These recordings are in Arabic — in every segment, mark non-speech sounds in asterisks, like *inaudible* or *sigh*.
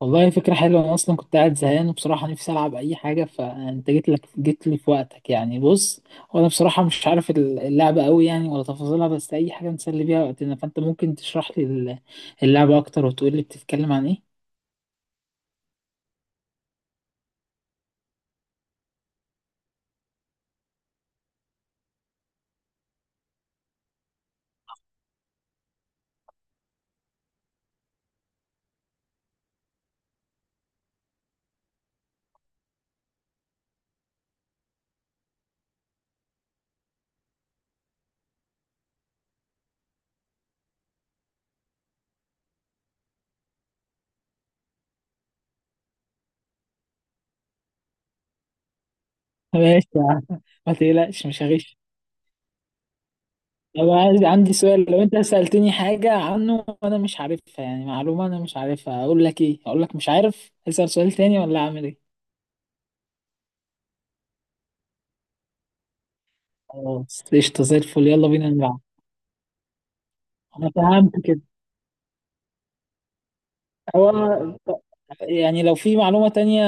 والله فكرة حلوة. أنا أصلا كنت قاعد زهقان وبصراحة نفسي ألعب أي حاجة، فأنت جيت لي في وقتك يعني. بص، وأنا بصراحة مش عارف اللعبة أوي يعني ولا تفاصيلها، بس أي حاجة نسلي بيها وقتنا. فأنت ممكن تشرح لي اللعبة أكتر وتقول لي بتتكلم عن إيه؟ *laughs* ماشي يا عم. ما تقلقش، مش هغش. طب عندي سؤال، لو أنت سألتني حاجة عنه وأنا مش عارفها، يعني معلومة أنا مش عارفها، أقول لك إيه؟ أقول لك مش عارف، أسأل سؤال تاني، ولا أعمل إيه؟ خلاص قشطة زي الفل، يلا بينا نلعب. أنا فهمت كده. هو يعني لو في معلومة تانية،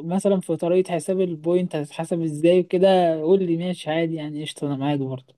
مثلا في طريقة حساب البوينت هتتحسب ازاي وكده، قول لي ماشي عادي يعني قشطة، انا معاك برضه.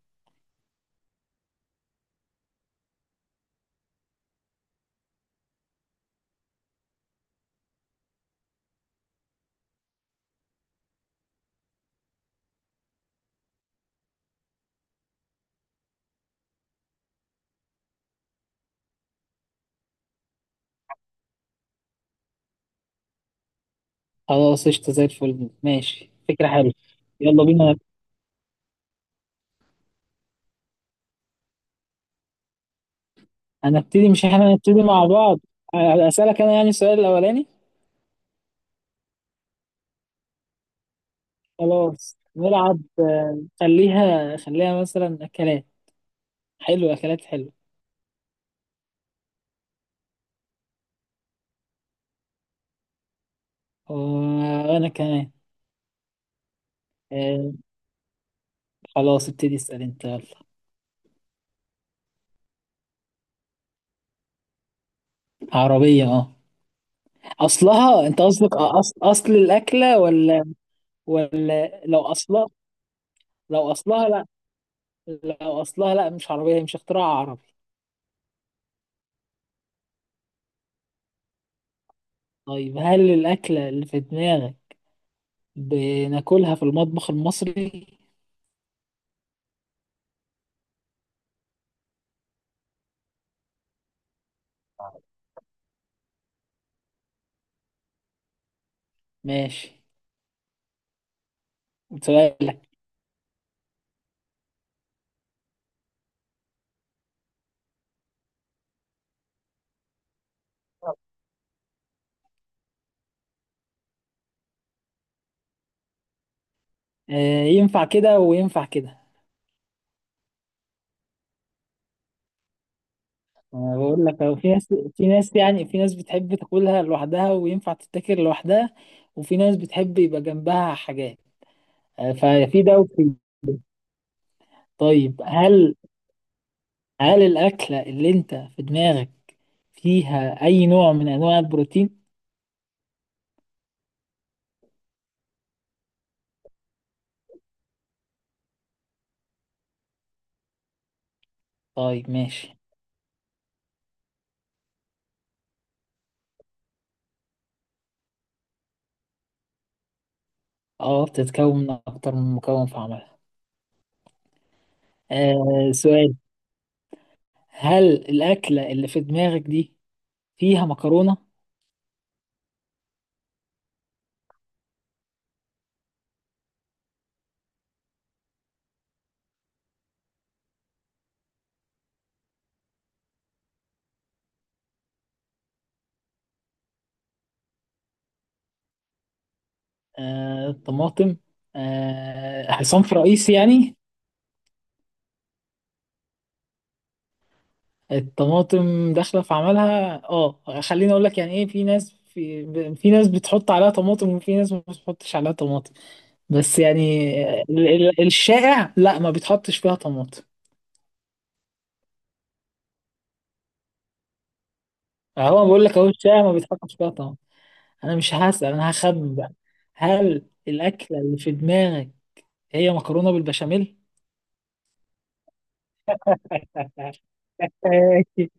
خلاص قشطة زي الفل، ماشي فكرة حلوة، يلا بينا. هنبتدي؟ مش احنا هنبتدي مع بعض؟ اسألك انا يعني السؤال الاولاني؟ خلاص نلعب. خليها مثلا اكلات. حلو، اكلات حلو. وانا كمان. آه، خلاص ابتدي اسأل انت، يلا. عربية، اه. اصلها؟ انت قصدك اصل الاكلة ولا؟ ولا لو اصلها، لو اصلها لا، لو اصلها لا، مش عربية، هي مش اختراع عربي. طيب هل الأكلة اللي في دماغك بناكلها في المطبخ المصري؟ ماشي سؤالك. آه ينفع كده وينفع كده. أنا بقول لك أهو، في ناس، في ناس بتحب تاكلها لوحدها وينفع تتاكل لوحدها، وفي ناس بتحب يبقى جنبها حاجات. آه، ففي ده وفي ده. طيب هل الأكلة اللي أنت في دماغك فيها أي نوع من أنواع البروتين؟ طيب ماشي. اه بتتكون من اكتر من مكون في عملها. آه، سؤال. هل الاكله اللي في دماغك دي فيها مكرونه؟ آه طماطم. آه، صنف رئيسي يعني؟ الطماطم داخله في عملها اه، خليني اقول لك يعني ايه. في ناس، في ناس بتحط عليها طماطم، وفي ناس ما بتحطش عليها طماطم. بس يعني الشائع لا، ما بيتحطش فيها طماطم. هو بقول لك اهو، الشائع ما بيتحطش فيها طماطم. انا مش هسأل، انا هخمن بقى. هل الاكله اللي في دماغك هي مكرونه بالبشاميل؟ *laughs* ماشي.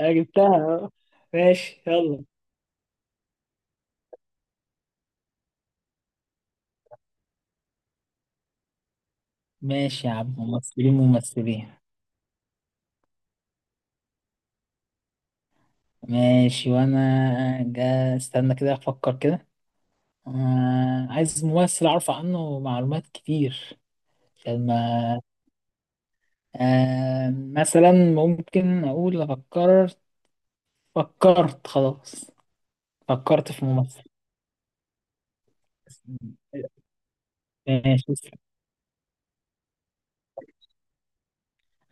أنا جبتها أهو. ماشي يلا. ماشي يا عم، ممثلين ممثلين. ماشي وانا جا، استنى كده افكر كده. آه، عايز ممثل اعرف عنه معلومات كتير عشان ما. مثلا ممكن اقول فكرت، فكرت خلاص. فكرت في ممثل. ماشي.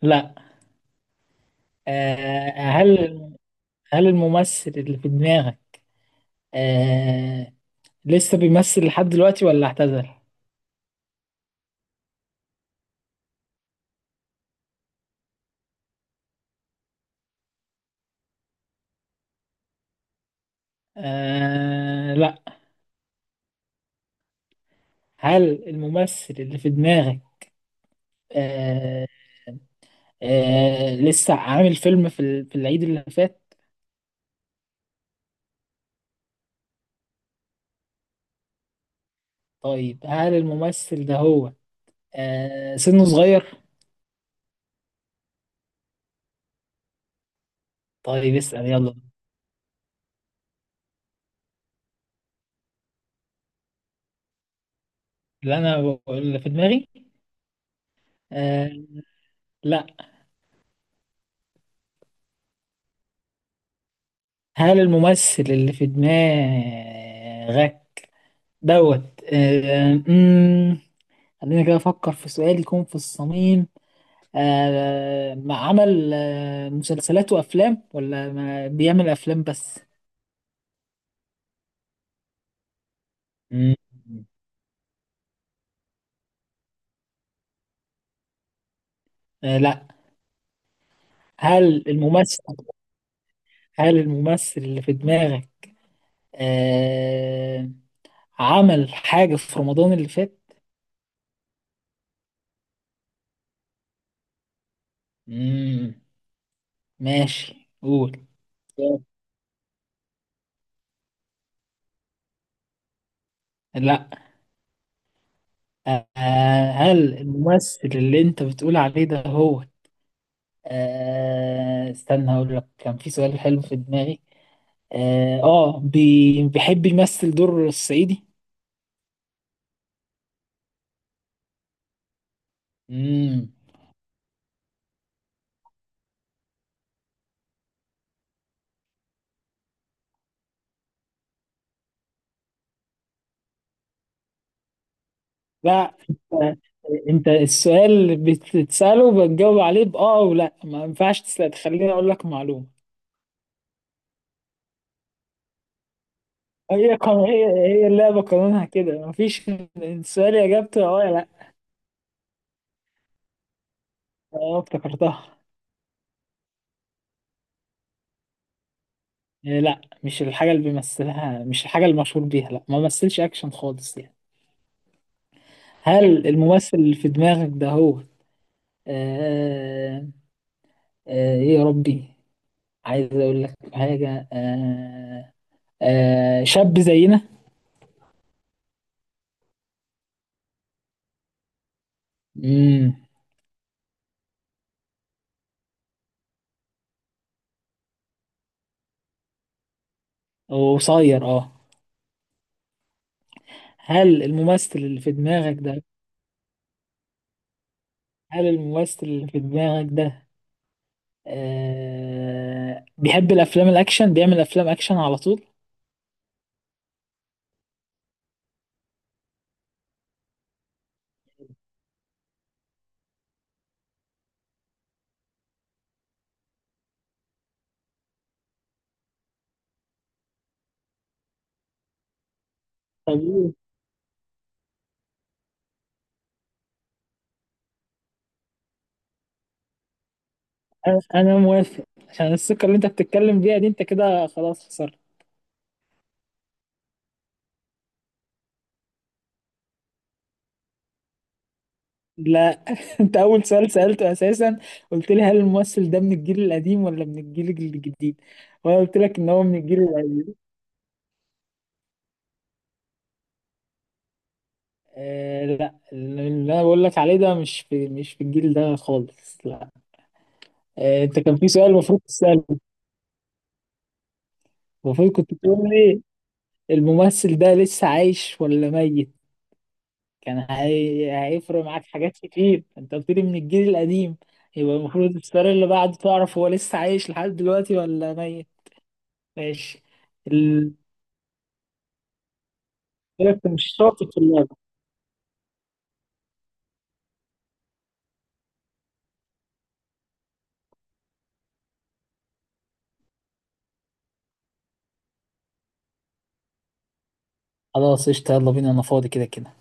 لا. آه، هل هل الممثل اللي في دماغك آه، لسه بيمثل لحد دلوقتي ولا اعتزل؟ آه، لا. هل الممثل اللي في دماغك آه، لسه عامل فيلم في العيد اللي فات؟ طيب هل الممثل ده هو سنه صغير؟ طيب اسأل يلا. اللي في دماغي، آه، لا. هل الممثل اللي في دماغك دوت آه، خلينا كده افكر في سؤال يكون في الصميم. ما عمل مسلسلات وافلام، ولا ما بيعمل افلام بس؟ مم. آه لا. هل الممثل هل الممثل اللي في دماغك آه عمل حاجة في رمضان اللي فات؟ مم. ماشي قول. لا. آه، هل الممثل اللي انت بتقول عليه ده هو استنى، هقول لك كان في سؤال حلو في دماغي. اه، بيحب يمثل دور الصعيدي. امم. لا انت، السؤال اللي بتسأله بتجاوب عليه بآه، ولا ما ينفعش تسأل تخليني اقول لك معلومة؟ هي اللعبة قانونها كده، مفيش. السؤال اجابته اه يا لا. اه افتكرتها. إيه، لا مش الحاجة اللي بيمثلها، مش الحاجة المشهور بيها، لا ما مثلش اكشن خالص يعني. هل الممثل اللي في دماغك ده هو، آه ايه يا ربي، عايز اقول لك حاجه. شاب زينا. امم. وقصير، اه. هل الممثل اللي في دماغك ده هل الممثل اللي في دماغك ده بيحب الافلام الاكشن، بيعمل افلام اكشن على طول؟ طب إيه؟ أنا موافق. عشان الثقه اللي انت بتتكلم بيها دي، انت كده خلاص خسرت. لا. *laughs* انت اول سؤال سالته اساسا قلت لي هل الممثل ده من الجيل القديم ولا من الجيل الجديد. وانا قلت لك ان هو من الجيل القديم. آه لا، اللي انا بقول لك عليه ده مش في الجيل ده خالص، لا. آه انت، كان في سؤال المفروض تساله. المفروض كنت تقول لي، الممثل ده لسه عايش ولا ميت. هيفرق معاك حاجات كتير. انت قلت لي من الجيل القديم، يبقى المفروض السؤال اللي بعده تعرف هو لسه عايش لحد دلوقتي ولا ميت. ماشي. ال... قلت لك مش شاطر في اللعبه. خلاص قشطة يلا بينا، انا فاضي كده كده.